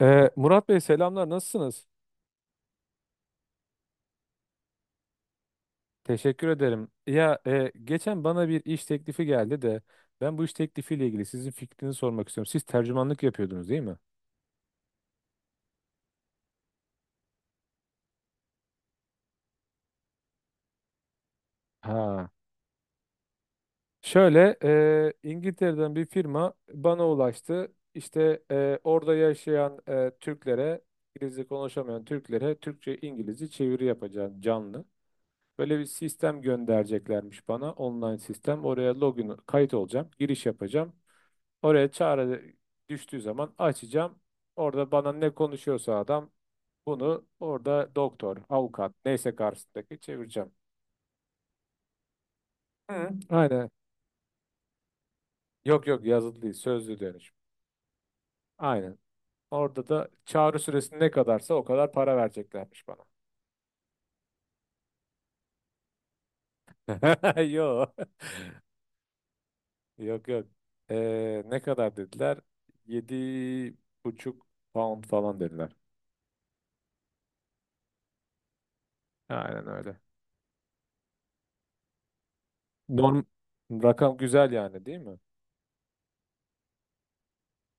Murat Bey, selamlar, nasılsınız? Teşekkür ederim. Ya geçen bana bir iş teklifi geldi de ben bu iş teklifiyle ilgili sizin fikrinizi sormak istiyorum. Siz tercümanlık yapıyordunuz, değil mi? Ha. Şöyle İngiltere'den bir firma bana ulaştı. İşte orada yaşayan Türklere, İngilizce konuşamayan Türklere Türkçe İngilizce çeviri yapacağım, canlı. Böyle bir sistem göndereceklermiş bana, online sistem. Oraya login kayıt olacağım, giriş yapacağım. Oraya çağrı düştüğü zaman açacağım. Orada bana ne konuşuyorsa adam, bunu orada doktor, avukat neyse karşısındaki çevireceğim. Hı. Aynen. Yok, yok, yazılı değil, sözlü dönüş. Aynen. Orada da çağrı süresi ne kadarsa o kadar para vereceklermiş bana. Yok. Yok, yok. Ne kadar dediler? 7,5 pound falan dediler. Aynen öyle. Norm Rakam güzel yani, değil mi?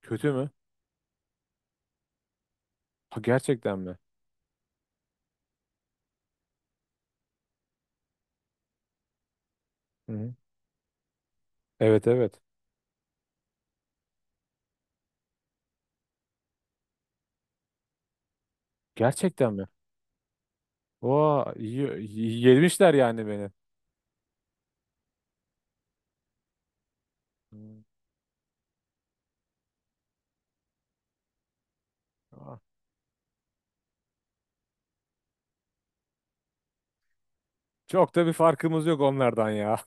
Kötü mü? Ha, gerçekten mi? Hı. Evet, evet. Gerçekten mi? Oo, yemişler yani beni. Hmm. Aa. Çok da bir farkımız yok onlardan ya.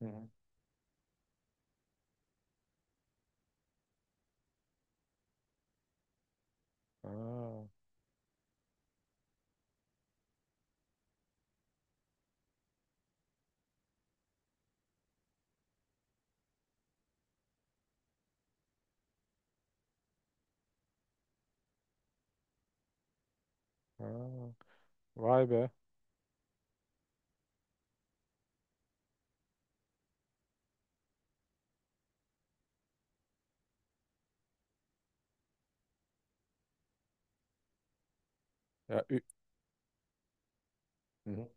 Hı hı. Aa, aa. Vay be. Ya. Hı hı.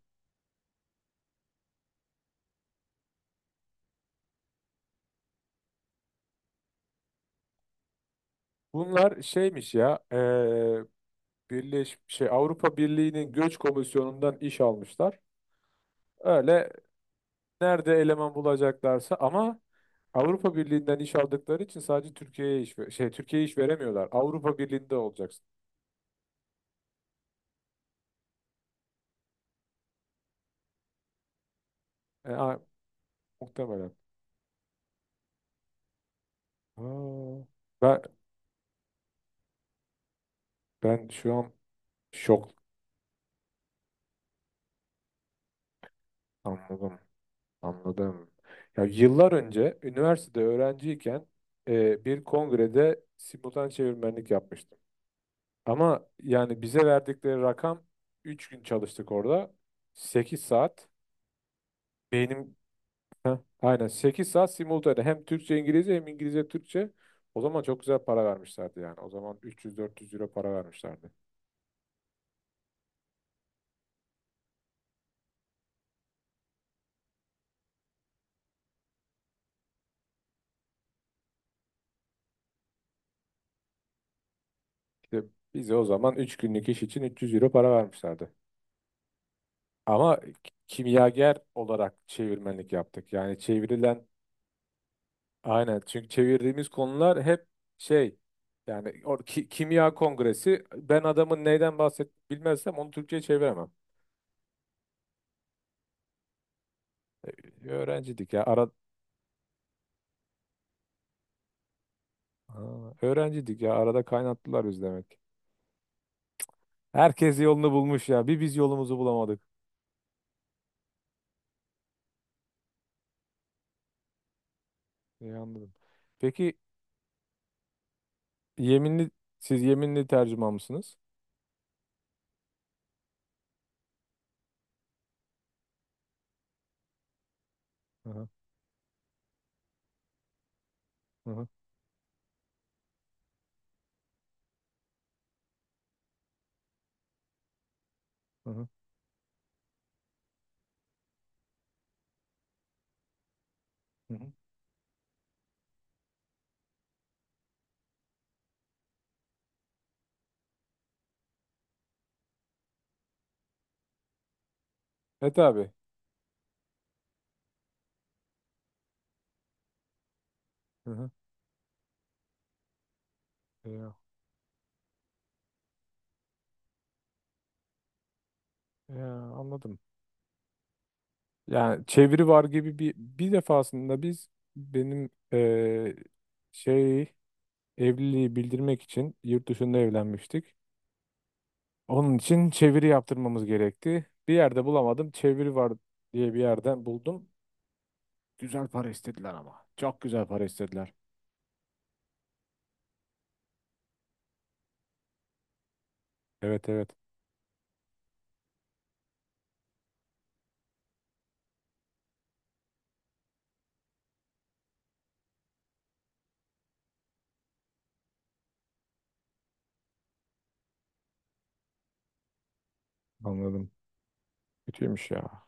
Bunlar şeymiş ya. Birleş şey Avrupa Birliği'nin Göç Komisyonu'ndan iş almışlar. Öyle nerede eleman bulacaklarsa, ama Avrupa Birliği'nden iş aldıkları için sadece Türkiye'ye iş veremiyorlar. Avrupa Birliği'nde olacaksın. E, a- Muhtemelen. Aa, ben, ben şu an şok, anladım. Anladım. Ya, yıllar önce üniversitede öğrenciyken bir kongrede simultan çevirmenlik yapmıştım. Ama yani bize verdikleri rakam, 3 gün çalıştık orada. 8 saat. Beynim Heh, aynen 8 saat simultane, hem Türkçe İngilizce hem İngilizce Türkçe. O zaman çok güzel para vermişlerdi yani. O zaman 300-400 euro para vermişlerdi. İşte bize o zaman 3 günlük iş için 300 euro para vermişlerdi. Ama kimyager olarak çevirmenlik yaptık. Yani çevirilen Aynen, çünkü çevirdiğimiz konular hep şey yani, kimya kongresi, ben adamın neyden bahsettiğini bilmezsem onu Türkçe'ye çeviremem. Öğrencidik ya ara Aa, öğrencidik ya arada kaynattılar biz demek. Herkes yolunu bulmuş ya, bir biz yolumuzu bulamadık. İyi, anladım. Peki, yeminli siz yeminli tercüman mısınız? Hı hı. Hı hı. Hı hı. Hı. Evet, abi. Hı hı. Ya, ya, anladım. Yani çeviri var gibi, bir defasında benim şey evliliği bildirmek için yurt dışında evlenmiştik. Onun için çeviri yaptırmamız gerekti. Bir yerde bulamadım. Çeviri var diye bir yerden buldum. Güzel para istediler ama. Çok güzel para istediler. Evet, evet, anladım. Kötüymüş ya.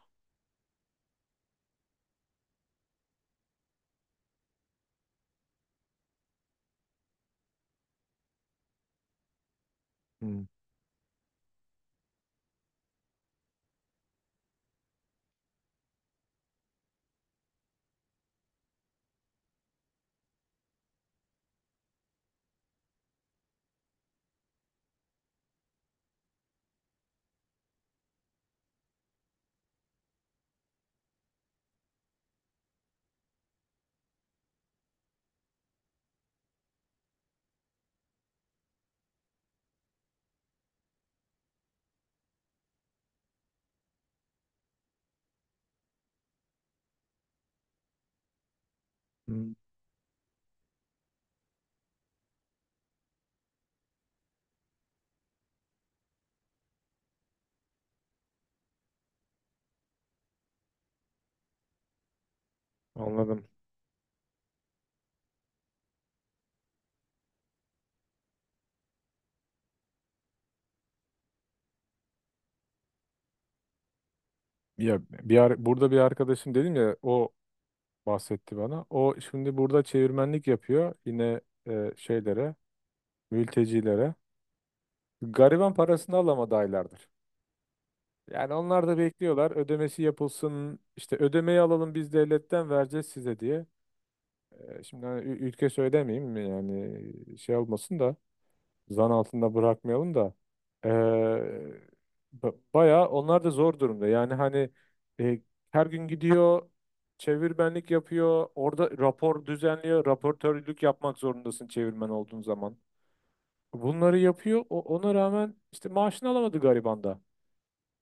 Hmm. Hmm. Anladım. Burada bir arkadaşım, dedim ya, o bahsetti bana. O şimdi burada çevirmenlik yapıyor yine eee, şeylere. mültecilere. Gariban parasını alamadı aylardır. Yani onlar da bekliyorlar, ödemesi yapılsın, işte ödemeyi alalım biz devletten, vereceğiz size diye. Şimdi hani ülke söylemeyeyim mi yani, şey olmasın da, zan altında bırakmayalım da. Ee, Bayağı onlar da zor durumda yani hani, e, her gün gidiyor, çevirmenlik yapıyor orada, rapor düzenliyor, raportörlük yapmak zorundasın çevirmen olduğun zaman. Bunları yapıyor. Ona rağmen işte maaşını alamadı gariban da.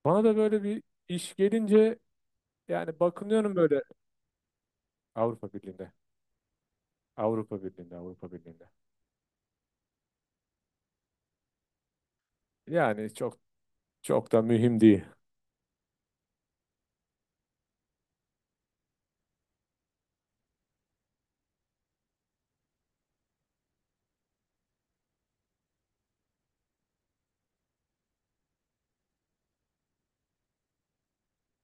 Bana da böyle bir iş gelince yani bakınıyorum böyle. Avrupa Birliği'nde. Avrupa Birliği'nde, Avrupa Birliği'nde. Yani çok, çok da mühim değil.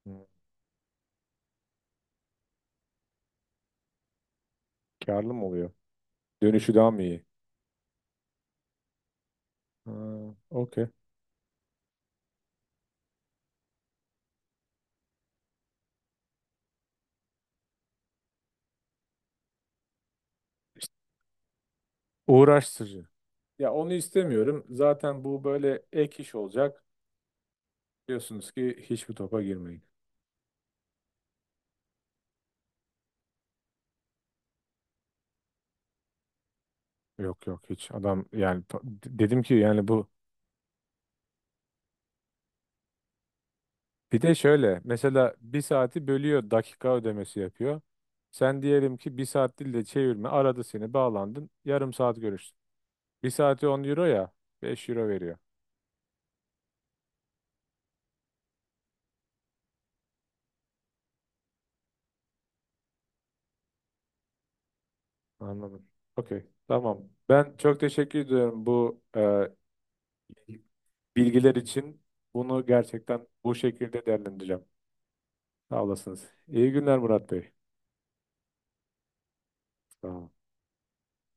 Hmm, Karlı mı oluyor? Dönüşü daha mı iyi? Ha, okey. İşte uğraştırıcı. Ya onu istemiyorum. Zaten bu böyle ek iş olacak. Diyorsunuz ki hiçbir topa girmeyin. Yok, yok, hiç. Adam yani dedim ki yani bu. Bir de şöyle mesela, bir saati bölüyor, dakika ödemesi yapıyor. Sen diyelim ki bir saat dille çevirme aradı seni, bağlandın, yarım saat görüştün. Bir saati 10 euro ya 5 euro veriyor. Anladım. Okey, tamam. Ben çok teşekkür ediyorum bu bilgiler için. Bunu gerçekten bu şekilde değerlendireceğim. Sağ olasınız. İyi günler Murat Bey. Sağ olun.